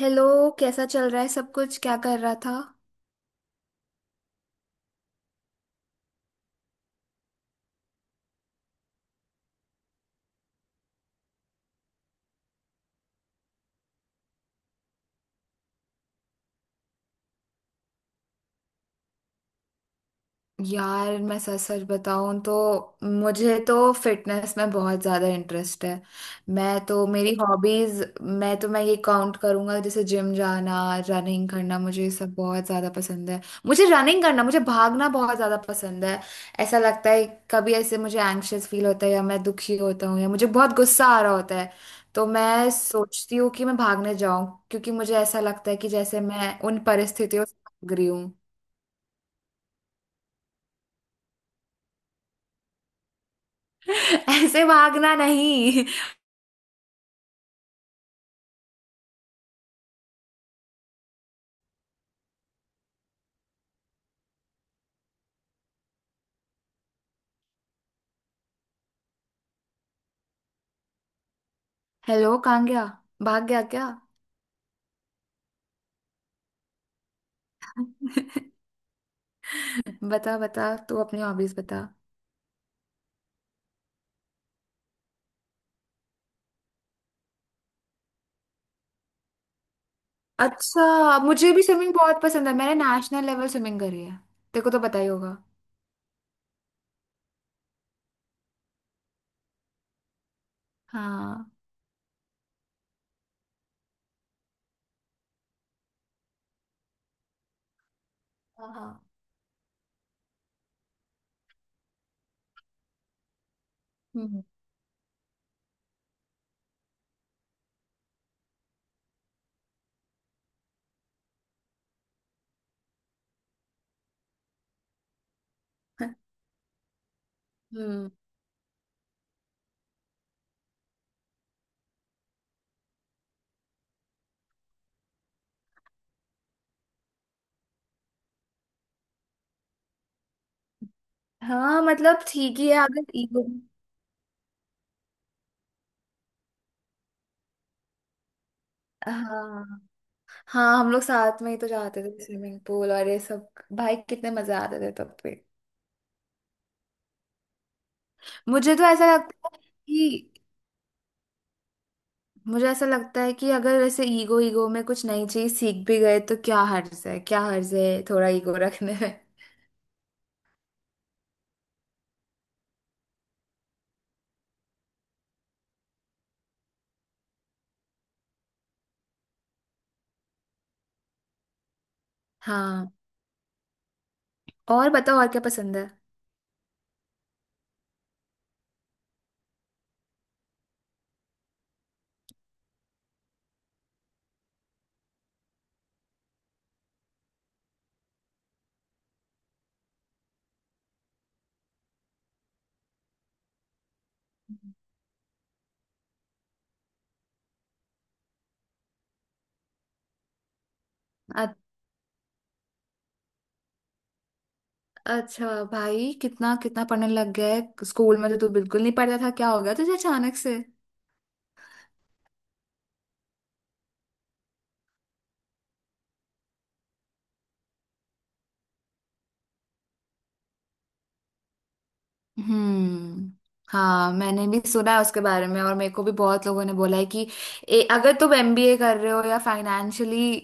Hello. कैसा चल रहा है सब कुछ, क्या कर रहा था? यार मैं सच सच बताऊं तो मुझे तो फिटनेस में बहुत ज्यादा इंटरेस्ट है। मैं तो मेरी हॉबीज मैं ये काउंट करूंगा जैसे जिम जाना, रनिंग करना, मुझे ये सब बहुत ज्यादा पसंद है। मुझे रनिंग करना, मुझे भागना बहुत ज्यादा पसंद है। ऐसा लगता है कभी ऐसे मुझे एंग्शियस फील होता है या मैं दुखी होता हूँ या मुझे बहुत गुस्सा आ रहा होता है तो मैं सोचती हूँ कि मैं भागने जाऊं, क्योंकि मुझे ऐसा लगता है कि जैसे मैं उन परिस्थितियों से भाग रही हूँ। ऐसे भागना नहीं। हेलो, कहाँ गया? भाग गया क्या? बता बता, तू अपनी हॉबीज बता। अच्छा, मुझे भी स्विमिंग बहुत पसंद है। मैंने नेशनल लेवल स्विमिंग करी है, तेरे को तो पता ही होगा। हाँ, हाँ, हाँ। हम्म। हम्म। हाँ, मतलब ठीक ही है अगर ईगो। हाँ, हाँ हम लोग साथ में ही तो जाते थे स्विमिंग पूल और ये सब। भाई कितने मजा आते थे तब पे। मुझे तो ऐसा लगता है कि मुझे ऐसा लगता है कि अगर ऐसे ईगो ईगो में कुछ नई चीज सीख भी गए तो क्या हर्ज है, क्या हर्ज है थोड़ा ईगो रखने में। हाँ, और बताओ और क्या पसंद है? अ- अच्छा, भाई कितना कितना पढ़ने लग गया है! स्कूल में तो तू बिल्कुल नहीं पढ़ता था, क्या हो गया तुझे अचानक से? हम्म। हाँ, मैंने भी सुना है उसके बारे में, और मेरे को भी बहुत लोगों ने बोला है कि ए, अगर तुम एमबीए कर रहे हो या फाइनेंशियली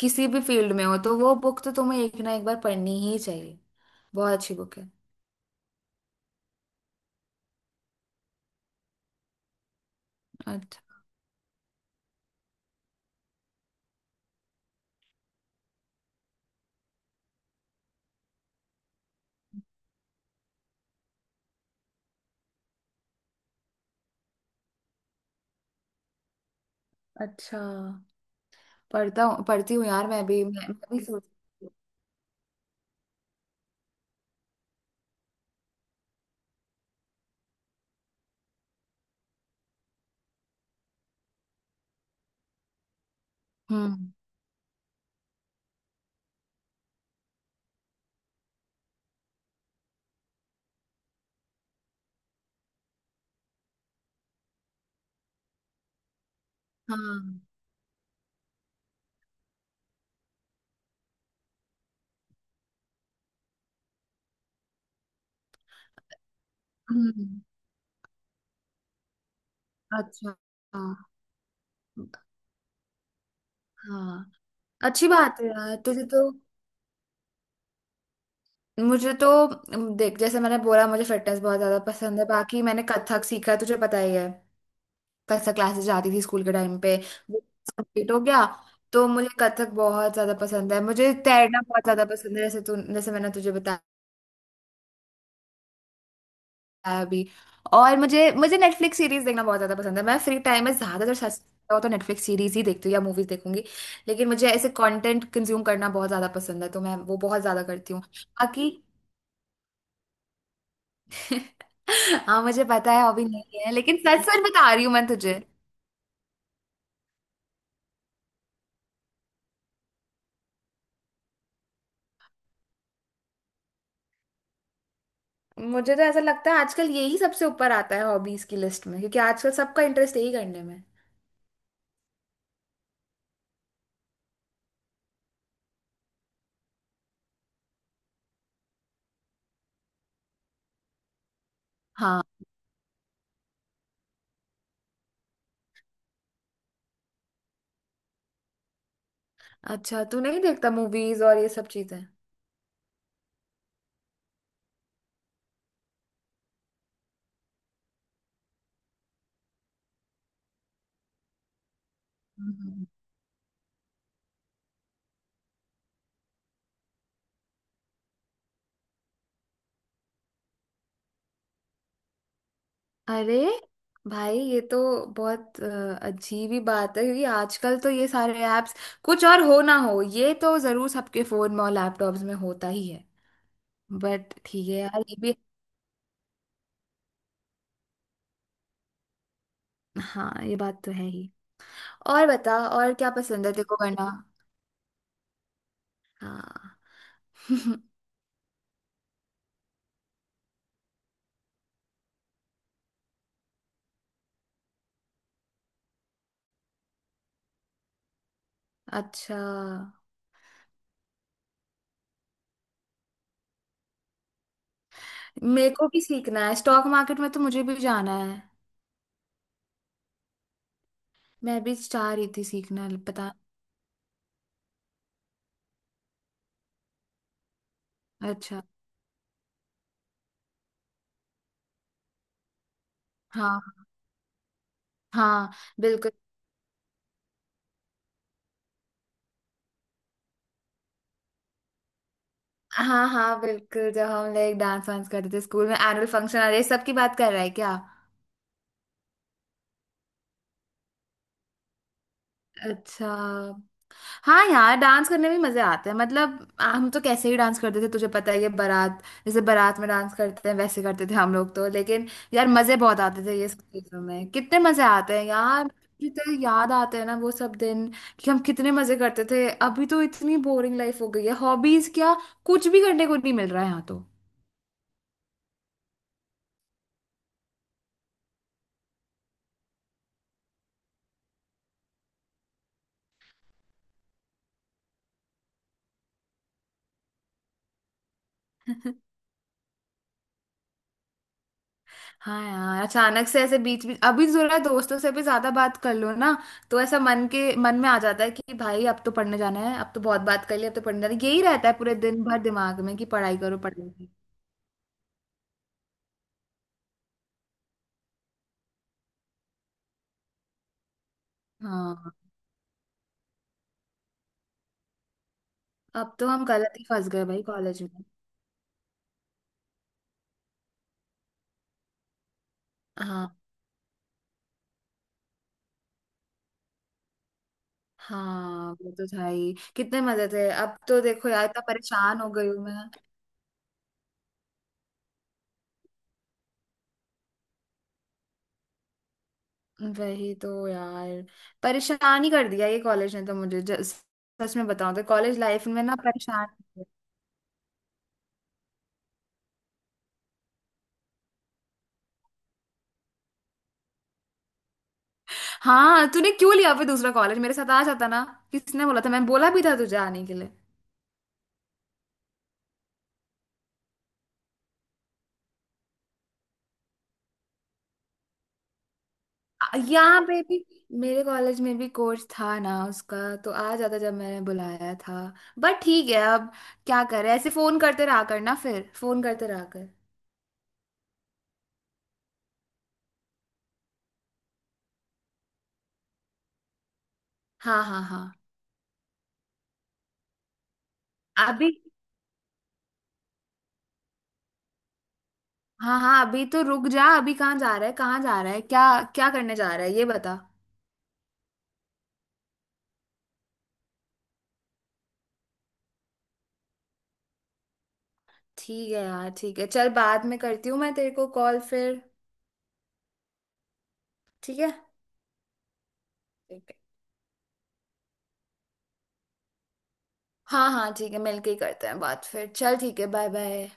किसी भी फील्ड में हो तो वो बुक तो तुम्हें एक ना एक बार पढ़नी ही चाहिए। बहुत अच्छी बुक है। अच्छा, पढ़ता हूँ पढ़ती हूँ यार, मैं भी मैं भी सोच। हम्म। हाँ। हम्म। अच्छा। हाँ। अच्छा। हाँ, अच्छी बात है यार, तुझे तो। मुझे तो देख जैसे मैंने बोला मुझे फिटनेस बहुत ज्यादा पसंद है, बाकी मैंने कथक सीखा है तुझे पता ही है। कथक क्लासेस जाती थी स्कूल के टाइम पे, वो कंप्लीट हो गया। तो मुझे कथक बहुत ज्यादा पसंद है, मुझे तैरना बहुत ज्यादा पसंद है जैसे तू, जैसे मैंने तुझे बताया अभी। और मुझे मुझे नेटफ्लिक्स सीरीज देखना बहुत ज्यादा पसंद है। मैं फ्री टाइम में ज्यादातर सच हो तो नेटफ्लिक्स सीरीज ही देखती हूँ या मूवीज देखूंगी। लेकिन मुझे ऐसे कंटेंट कंज्यूम करना बहुत ज्यादा पसंद है तो मैं वो बहुत ज्यादा करती हूँ बाकी। हाँ, मुझे पता है हॉबी नहीं है, लेकिन सच सच बता रही हूँ मैं तुझे। मुझे तो ऐसा लगता है आजकल यही सबसे ऊपर आता है हॉबीज की लिस्ट में, क्योंकि आजकल सबका इंटरेस्ट यही करने में। हाँ, अच्छा तू नहीं देखता मूवीज और ये सब चीजें? अरे भाई ये तो बहुत अजीब ही बात है, क्योंकि आजकल तो ये सारे ऐप्स कुछ और हो ना हो ये तो जरूर सबके फोन में और लैपटॉप्स में होता ही है। बट ठीक है यार, ये भी। हाँ ये बात तो है ही। और बता और क्या पसंद है तेरे को करना? हाँ। अच्छा, मेरे को भी सीखना है स्टॉक मार्केट में तो मुझे भी जाना है। मैं भी चाह रही थी सीखना, पता। अच्छा। हाँ, हाँ बिल्कुल। हाँ हाँ बिल्कुल, जब हम लोग डांस वांस करते थे स्कूल में, एनुअल फंक्शन और ये सब की बात कर रहा है क्या? अच्छा। हाँ यार, डांस करने में मजे आते हैं। मतलब हम तो कैसे ही डांस करते थे तुझे पता ही है, बारात जैसे, बारात में डांस करते हैं वैसे करते थे हम लोग तो। लेकिन यार मजे बहुत आते थे ये सब चीजों में, कितने मजे आते हैं यार। जितने याद आते हैं ना वो सब दिन, कि हम कितने मजे करते थे। अभी तो इतनी बोरिंग लाइफ हो गई है, हॉबीज क्या कुछ भी करने को नहीं मिल रहा है यहाँ तो। हाँ यार, अचानक से ऐसे बीच बीच अभी जरा दोस्तों से भी ज्यादा बात कर लो ना तो ऐसा मन के मन में आ जाता है कि भाई अब तो पढ़ने जाना है, अब तो बहुत बात कर ली अब तो पढ़ने जाना है, यही रहता है पूरे दिन भर दिमाग में कि पढ़ाई करो, पढ़ाई करो। हाँ, अब तो हम गलत ही फंस गए भाई कॉलेज में। हाँ, हाँ वो तो था ही, कितने मजे थे। अब तो देखो यार, इतना परेशान हो गई हूँ मैं। वही तो यार, परेशान ही कर दिया ये कॉलेज ने तो मुझे। सच में बताऊं तो कॉलेज लाइफ में ना परेशान। हाँ, तूने क्यों लिया फिर दूसरा कॉलेज, मेरे साथ आ जाता ना। किसने बोला था? मैंने बोला भी था तुझे आने के लिए। यहाँ पे भी मेरे कॉलेज में भी कोर्स था ना उसका, तो आ जाता जब मैंने बुलाया था। बट ठीक है अब क्या करे, ऐसे फोन करते रहा कर ना, फिर फोन करते रहा कर। हाँ, हाँ, हाँ। अभी? हाँ, हाँ अभी तो रुक जा, अभी कहाँ जा रहा है, कहाँ जा रहा है, क्या, क्या करने जा रहा है ये बता। ठीक है यार, ठीक है चल, बाद में करती हूँ मैं तेरे को कॉल फिर। ठीक है। हाँ, हाँ ठीक है, मिलके ही करते हैं बात फिर, चल ठीक है, बाय बाय।